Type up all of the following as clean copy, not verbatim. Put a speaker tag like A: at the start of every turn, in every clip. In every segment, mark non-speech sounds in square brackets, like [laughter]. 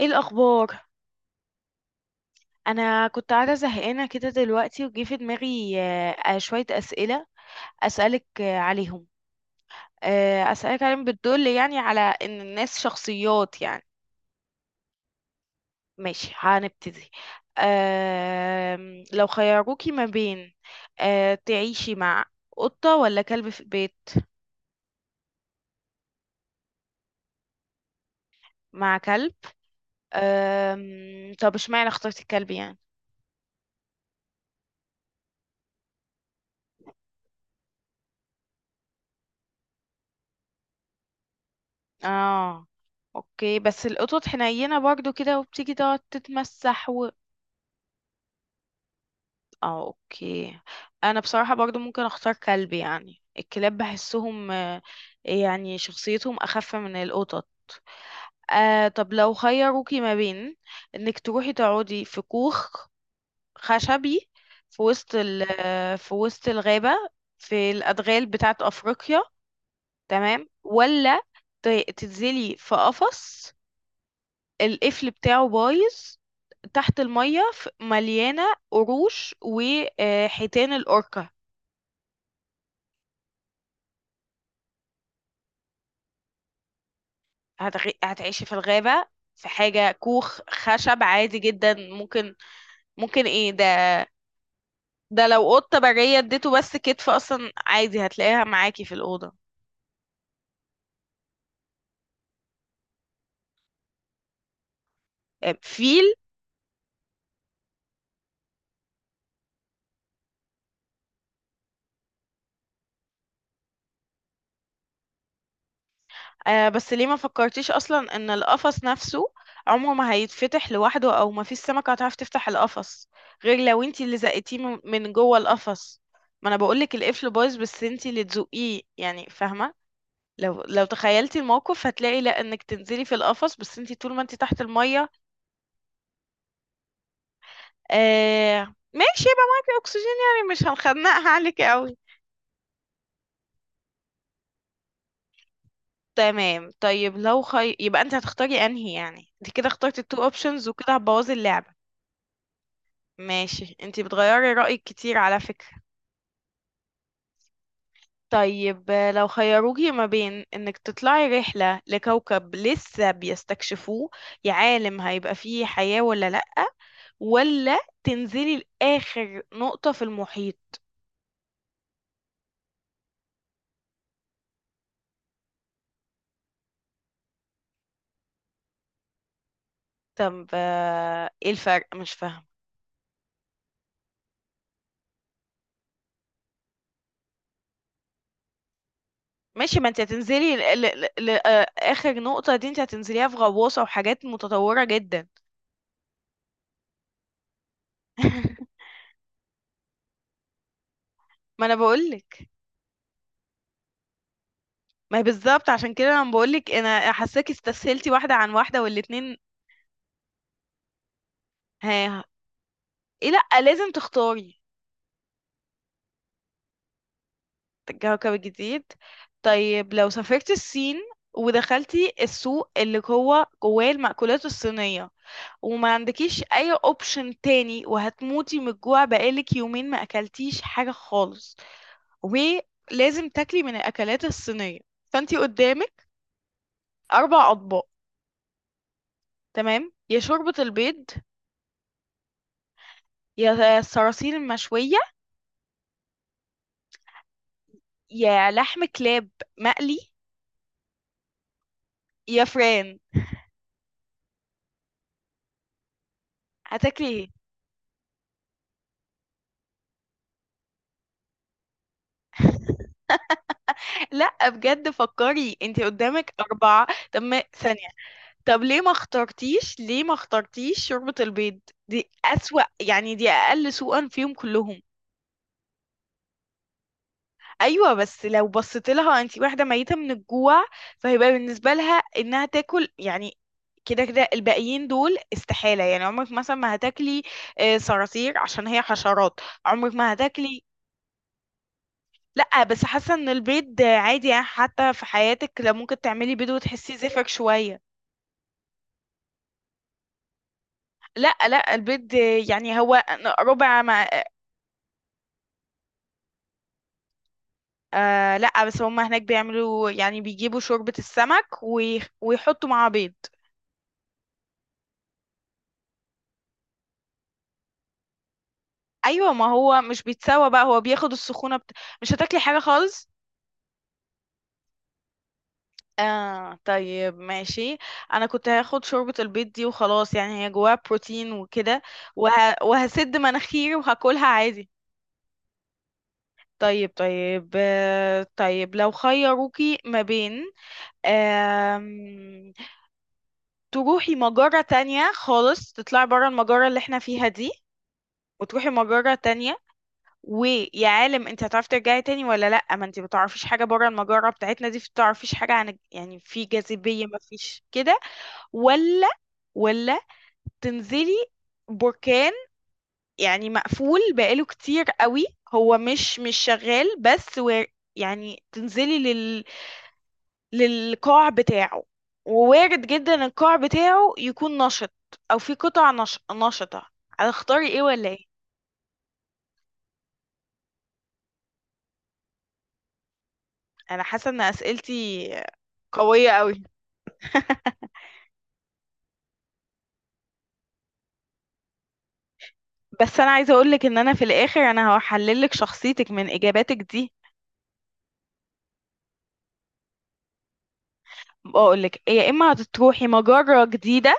A: ايه الاخبار؟ انا كنت قاعده زهقانه كده دلوقتي وجه في دماغي شويه اسئله اسالك عليهم. اسالك عليهم بتدل يعني على ان الناس شخصيات يعني. ماشي، هنبتدي. لو خيروكي ما بين تعيشي مع قطه ولا كلب في البيت؟ مع كلب. طب اشمعنى اخترتي الكلب يعني؟ اه، اوكي، بس القطط حنينه برضو كده وبتيجي تقعد تتمسح. اه، اوكي. انا بصراحة برضو ممكن اختار كلب، يعني الكلاب بحسهم يعني شخصيتهم اخف من القطط. طب لو خيروكي ما بين انك تروحي تقعدي في كوخ خشبي في وسط ال آه، في وسط الغابة، في الادغال بتاعت افريقيا، تمام؟ ولا ت- تنزلي في قفص، القفل بتاعه بايظ، تحت المية مليانة قروش وحيتان الأوركا؟ هتعيشي في الغابة في حاجة كوخ خشب عادي جدا؟ ممكن. ممكن ايه ده؟ ده لو قطة برية اديته بس كتف اصلا عادي هتلاقيها معاكي في الأوضة. فيل. بس ليه ما فكرتيش اصلا ان القفص نفسه عمره ما هيتفتح لوحده، او ما فيش سمكة هتعرف تفتح القفص غير لو انتي اللي زقتيه من جوه القفص؟ ما انا بقولك القفل بايظ بس انتي اللي تزقيه، يعني فاهمة؟ لو تخيلتي الموقف هتلاقي لا انك تنزلي في القفص بس انتي طول ما انتي تحت المية. ماشي، يبقى معاكي اكسجين، يعني مش هنخنقها عليك قوي. تمام، طيب لو يبقى انت هتختاري انهي؟ يعني انت كده اخترتي التو اوبشنز وكده هتبوظي اللعبة. ماشي، انت بتغيري رأيك كتير على فكرة. طيب لو خيروكي ما بين انك تطلعي رحلة لكوكب لسه بيستكشفوه، يا عالم هيبقى فيه حياة ولا لأ، ولا تنزلي لآخر نقطة في المحيط؟ طب ايه الفرق، مش فاهمة. ماشي، ما انت هتنزلي ل... ل... ل... آه، اخر نقطة دي انت هتنزليها في غواصة وحاجات متطورة جدا. [laughs] ما انا بقولك. ما هي بالظبط، عشان كده انا بقولك، انا حاساكي استسهلتي واحدة عن واحدة والاتنين. ها؟ ايه، لا لازم تختاري. كوكب جديد. طيب لو سافرت الصين، ودخلتي السوق اللي هو جواه المأكولات الصينية، وما عندكيش اي اوبشن تاني، وهتموتي من الجوع، بقالك يومين ما اكلتيش حاجة خالص، ولازم تاكلي من الأكلات الصينية، فأنتي قدامك أربع أطباق، تمام؟ يا شوربة البيض، يا الصراصير المشوية، يا لحم كلاب مقلي، يا فران. هتاكلي ايه؟ [laughs] لا بجد، فكري انتي قدامك أربعة. [laughs] طب ما ثانية. طب ليه ما اخترتيش، ليه ما اخترتيش شوربة البيض؟ دي أسوأ، يعني دي أقل سوءا فيهم كلهم. ايوه بس لو بصيت لها انت واحده ميته من الجوع، فهيبقى بالنسبه لها انها تاكل يعني. كده كده الباقيين دول استحاله، يعني عمرك مثلا ما هتاكلي صراصير عشان هي حشرات، عمرك ما هتاكلي. لا بس حاسه ان البيض عادي، يعني حتى في حياتك لو ممكن تعملي بيض وتحسي زفرك شويه. لا لا، البيض يعني هو ربع ما... لا بس هم هناك بيعملوا، يعني بيجيبوا شوربة السمك ويحطوا معاه بيض. ايوه، ما هو مش بيتسوى بقى، هو بياخد السخونه مش هتاكلي حاجه خالص؟ طيب ماشي. انا كنت هاخد شوربه البيض دي وخلاص، يعني هي جواها بروتين وكده، وه... وهسد مناخيري وهاكلها عادي. طيب طيب، طيب لو خيروكي ما بين آم... تروحي مجرة تانية خالص، تطلعي برا المجرة اللي احنا فيها دي وتروحي مجرة تانية، ويا عالم انت هتعرفي ترجعي تاني ولا لا، ما انت ما تعرفيش حاجه بره المجره بتاعتنا دي، بتعرفيش حاجه عن يعني في جاذبيه ما فيش كده، ولا، ولا تنزلي بركان، يعني مقفول بقاله كتير قوي، هو مش شغال بس، و يعني تنزلي للقاع بتاعه، ووارد جدا القاع بتاعه يكون نشط، او في قطع نشطه؟ هتختاري ايه ولا ايه؟ انا حاسه ان اسئلتي قويه قوي. [laughs] بس انا عايزه اقولك ان انا في الاخر انا هحللك شخصيتك من اجاباتك دي. بقولك يا اما هتروحي مجره جديده،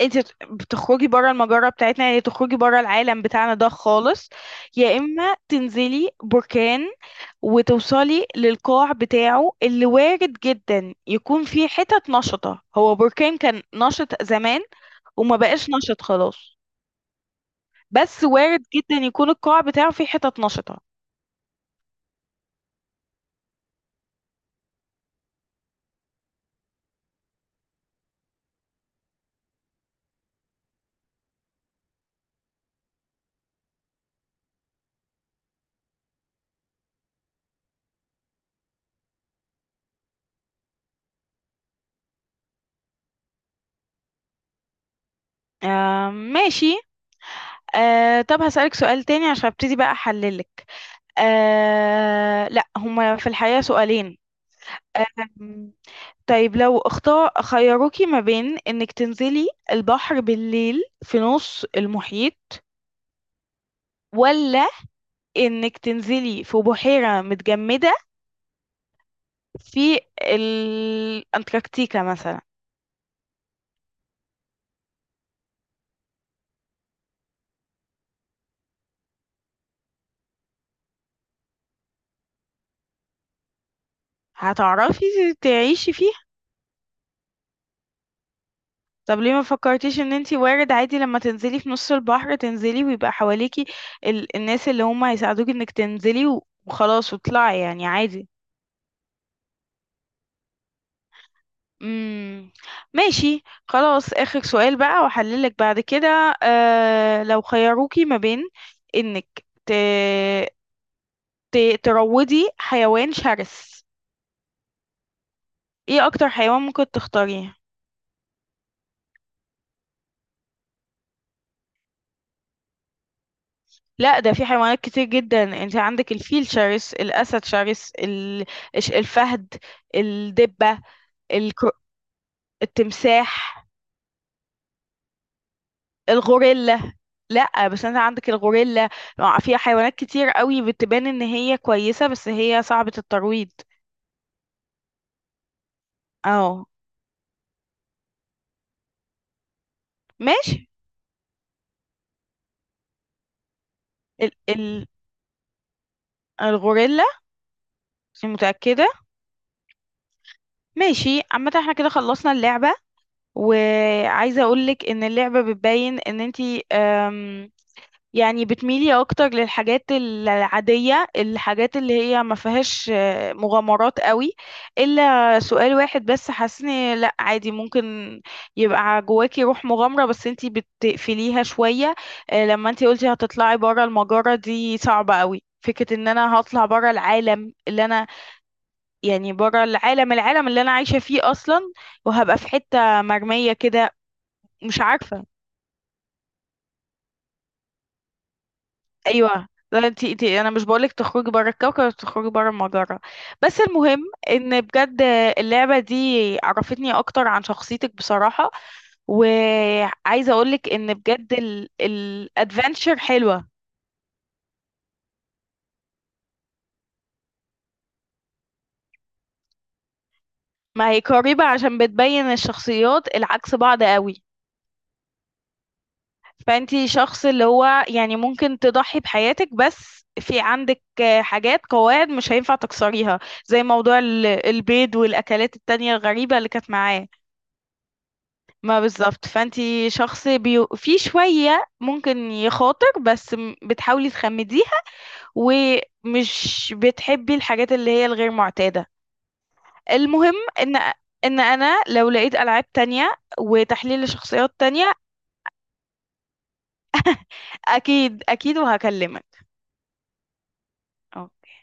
A: انت بتخرجي بره المجره بتاعتنا، يعني تخرجي بره العالم بتاعنا ده خالص، يا اما تنزلي بركان وتوصلي للقاع بتاعه اللي وارد جدا يكون فيه حتت نشطه. هو بركان كان نشط زمان وما بقاش نشط خلاص، بس وارد جدا يكون القاع بتاعه فيه حتت نشطه. ماشي. طب هسألك سؤال تاني عشان ابتدي بقى أحللك. لا، هما في الحقيقة سؤالين. آم، طيب لو خيروكي ما بين انك تنزلي البحر بالليل في نص المحيط، ولا انك تنزلي في بحيرة متجمدة في الأنتاركتيكا مثلا؟ هتعرفي تعيشي فيها؟ طب ليه ما فكرتيش ان انتي وارد عادي لما تنزلي في نص البحر تنزلي ويبقى حواليكي الناس اللي هم هيساعدوكي انك تنزلي و- وخلاص وطلعي، يعني عادي؟ امم ماشي خلاص، اخر سؤال بقى واحللك بعد كده. لو خيروكي ما بين انك ت... ت... تروضي حيوان شرس، ايه اكتر حيوان ممكن تختاريه؟ لا ده في حيوانات كتير جدا. انت عندك الفيل شرس، الاسد شرس، الفهد، الدبة، الكر... التمساح، الغوريلا. لا بس انت عندك الغوريلا، في حيوانات كتير قوي بتبان ان هي كويسة بس هي صعبة الترويض. اه، ماشي. ال... ال... الغوريلا؟ أنت متأكدة؟ ماشي، عامة احنا كده خلصنا اللعبة، وعايزة اقولك ان اللعبة بتبين ان انتي يعني بتميلي اكتر للحاجات العادية، الحاجات اللي هي ما فيهاش مغامرات قوي، الا سؤال واحد بس حاسني لا عادي، ممكن يبقى جواكي روح مغامرة بس انتي بتقفليها شوية. لما انتي قلتي هتطلعي برا المجرة دي صعبة قوي، فكرة ان انا هطلع برا العالم اللي انا، يعني برا العالم اللي انا عايشة فيه اصلا، وهبقى في حتة مرمية كده. مش عارفة. ايوه، لا انتي، انا مش بقولك تخرجي بره الكوكب، تخرجي بره المجره. بس المهم ان بجد اللعبه دي عرفتني اكتر عن شخصيتك بصراحه، وعايزه اقولك ان بجد الادفنتشر حلوه. ما هي قريبه عشان بتبين الشخصيات العكس بعض قوي. فانتي شخص اللي هو يعني ممكن تضحي بحياتك، بس في عندك حاجات، قواعد مش هينفع تكسريها، زي موضوع البيض والاكلات التانية الغريبه اللي كانت معاه. ما بالظبط، فانتي شخص في شوية ممكن يخاطر بس بتحاولي تخمديها، ومش بتحبي الحاجات اللي هي الغير معتادة. المهم ان ان انا لو لقيت العاب تانية وتحليل لشخصيات تانية. اكيد اكيد وهكلمك. أوكي.